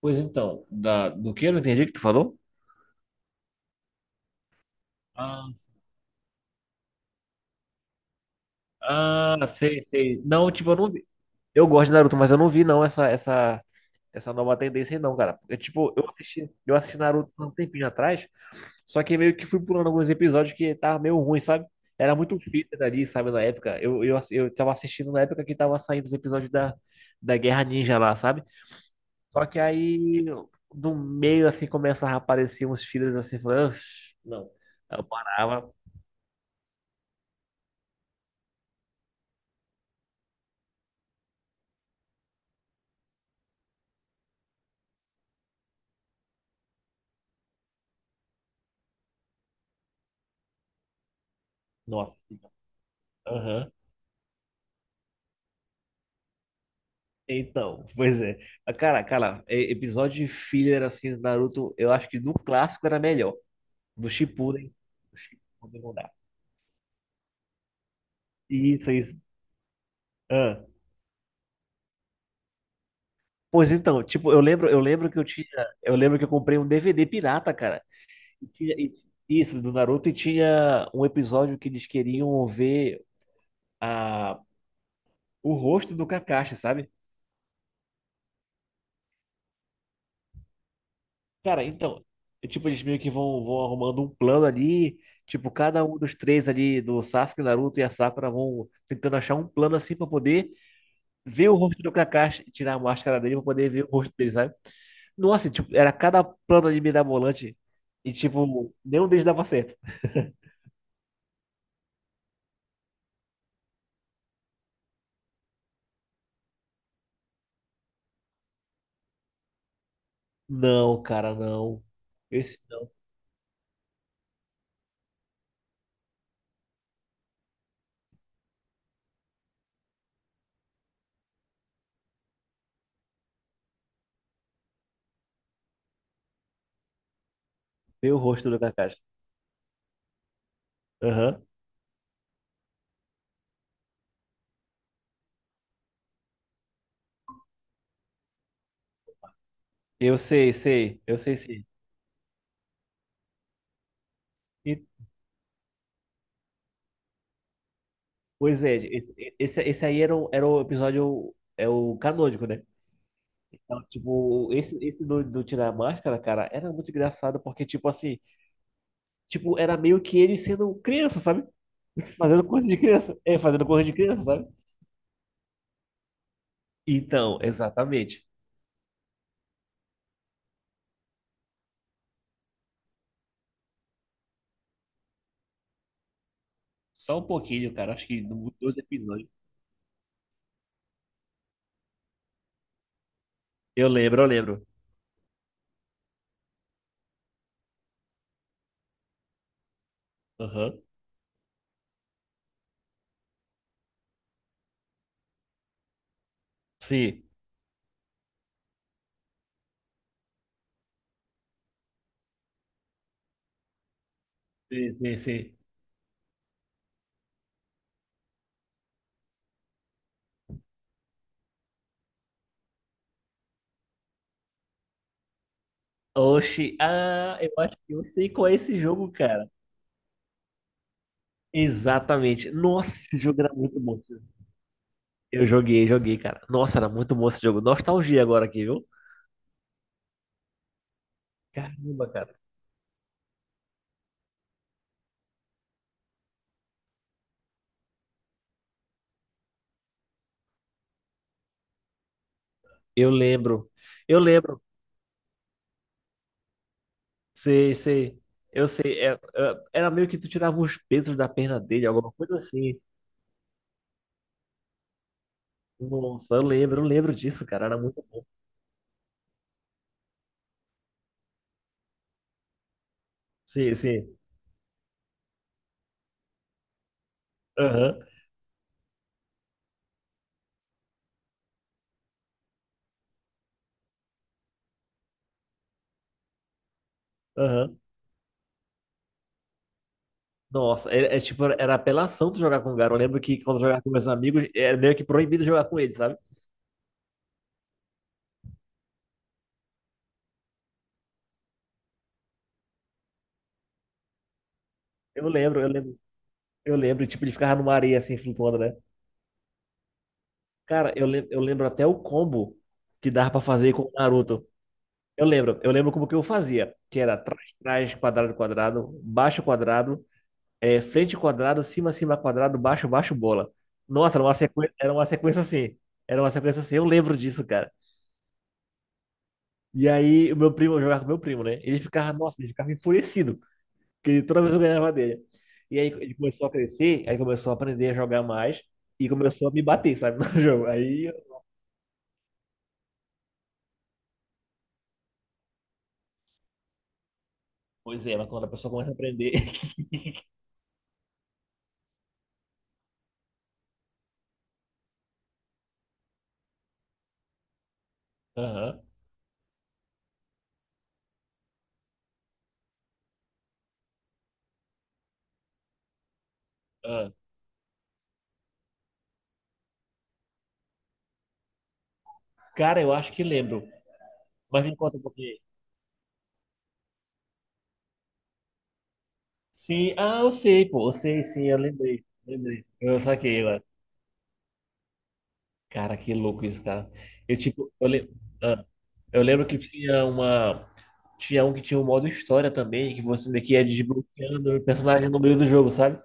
Pois então, do que eu não entendi o que tu falou? Ah, sei, sei. Não, tipo, eu não vi. Eu gosto de Naruto, mas eu não vi não essa nova tendência aí, não, cara. Porque, tipo, eu assisti Naruto há um tempinho atrás, só que meio que fui pulando alguns episódios que tava meio ruim, sabe? Era muito fita ali, sabe, na época. Eu tava assistindo na época que tava saindo os episódios da Guerra Ninja lá, sabe? Só que aí, do meio, assim, começava a aparecer uns filhos assim, falando, não. Aí eu parava. Nossa. Aham. Então, pois é. Mas, cara, episódio de filler assim do Naruto, eu acho que no clássico era melhor. Do Shippuden, do Shippuden não dá. Isso, isso. Ah. Pois então, tipo, eu lembro que eu tinha, eu lembro que eu comprei um DVD pirata, cara. E tinha- e- isso do Naruto e tinha um episódio que eles queriam ver a o rosto do Kakashi, sabe? Cara, então, é tipo, eles meio que vão arrumando um plano ali. Tipo, cada um dos três ali, do Sasuke, Naruto e a Sakura, vão tentando achar um plano assim pra poder ver o rosto do Kakashi, tirar a máscara dele pra poder ver o rosto dele, sabe? Nossa, tipo, era cada plano ali mirabolante e, tipo, nenhum deles dava certo. Não, cara, não. Esse não. Ver o rosto do Kakashi. Aham. Eu sei, sei. Eu sei sim. E, pois é, esse aí era era o episódio, é o canônico, né? Não, tipo, esse do Tirar a Máscara, cara, era muito engraçado, porque, tipo assim, tipo, era meio que ele sendo criança, sabe? Fazendo coisa de criança. É, fazendo coisa de criança, sabe? Então, exatamente. Só um pouquinho, cara, acho que dois episódios. Eu lembro, eu lembro. Aham. Sim, sim. Oxi, ah, eu acho que eu sei qual é esse jogo, cara. Exatamente. Nossa, esse jogo era muito bom. Eu joguei, joguei, cara. Nossa, era muito bom esse jogo. Nostalgia agora aqui, viu? Caramba, cara. Eu lembro. Eu lembro. Sei, sei. Eu sei. É, era meio que tu tirava os pesos da perna dele, alguma coisa assim. Nossa, eu lembro disso, cara. Era muito bom. Sim, sim. Aham, aham. Nossa, é tipo, era apelação tu jogar com o Garo. Eu lembro que quando eu jogava com meus amigos, era meio que proibido jogar com ele, sabe? Eu lembro, eu lembro, eu lembro, tipo, ele ficava numa areia assim, flutuando, né? Eu lembro até o combo que dava pra fazer com o Naruto. Eu lembro como que eu fazia, que era trás, trás, quadrado, quadrado, baixo, quadrado, frente, quadrado, cima, cima, quadrado, baixo, baixo, bola. Nossa, era uma sequência assim, eu lembro disso, cara. E aí, eu jogava com meu primo, né? Ele ficava, nossa, ele ficava enfurecido, porque toda vez eu ganhava dele. E aí, ele começou a crescer, aí começou a aprender a jogar mais, e começou a me bater, sabe, no jogo. Aí, pois é, mas quando a pessoa começa a aprender... Aham, aham. Cara, eu acho que lembro, mas me conta um pouquinho. Sim, ah, eu sei, pô. Eu lembrei. Lembrei. Eu saquei lá. Cara, que louco isso, cara. Eu, tipo, eu, le... ah, eu lembro que tinha uma. Tinha um que tinha um modo história também, que você meio que ia desbloqueando o personagem no meio do jogo, sabe?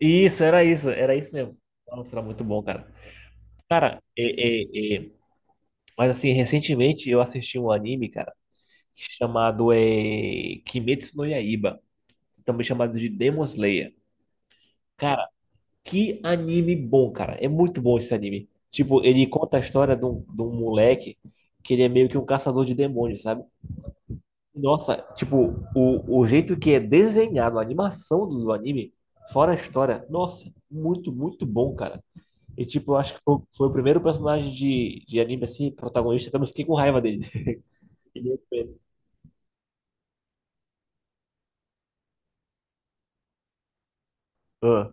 Isso, era isso mesmo. Nossa, era muito bom, cara. Cara, é, mas assim, recentemente eu assisti um anime, cara, chamado Kimetsu no Yaiba, também chamado de Demon Slayer. Cara, que anime bom, cara. É muito bom esse anime. Tipo, ele conta a história de de um moleque que ele é meio que um caçador de demônios, sabe? Nossa, tipo, o jeito que é desenhado, a animação do anime, fora a história, nossa, muito bom, cara. E, tipo, eu acho que foi o primeiro personagem de anime, assim, protagonista, que eu não fiquei com raiva dele. Ele é feio. Ah,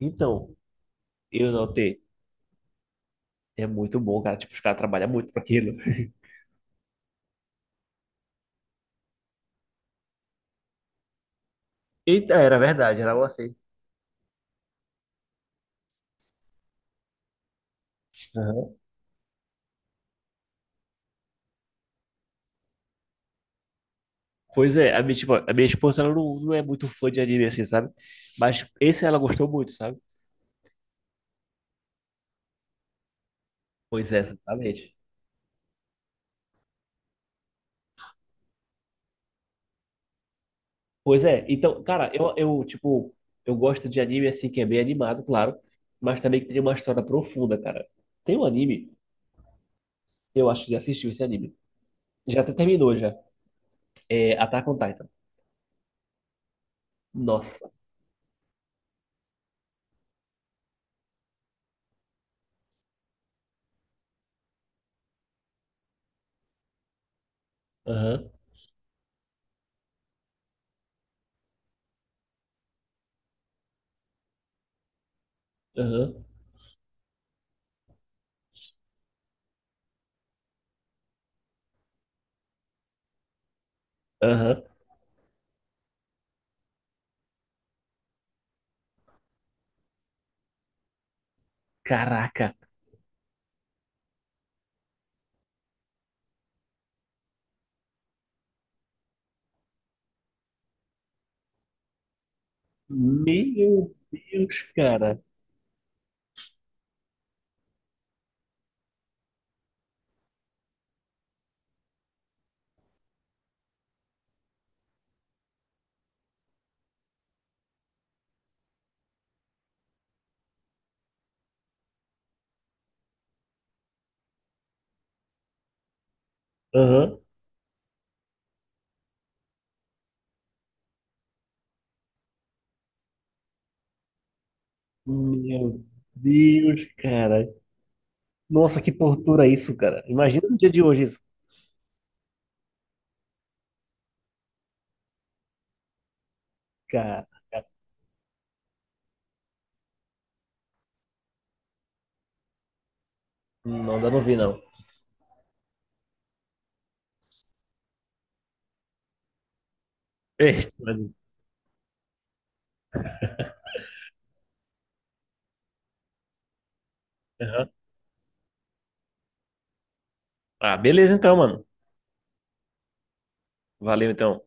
então, eu notei. É muito bom, cara. Tipo, os caras trabalham muito pra aquilo. Eita, era verdade, era você. Pois é, a minha esposa ela não, não é muito fã de anime assim, sabe? Mas esse ela gostou muito, sabe? Pois é, exatamente. Pois é, então, cara, eu gosto de anime assim que é bem animado, claro, mas também que tem uma história profunda, cara. Tem um anime, eu acho que já assistiu esse anime. Já até terminou já. É Attack on Titan. Nossa. Aham, aham, aham. Caraca. Meu Deus, cara. Aham. Meu Deus, cara. Nossa, que tortura isso, cara. Imagina no dia de hoje isso. Cara, cara, não dá, não vi, não. Ixi, mas- aham. Ah, beleza então, mano. Valeu então.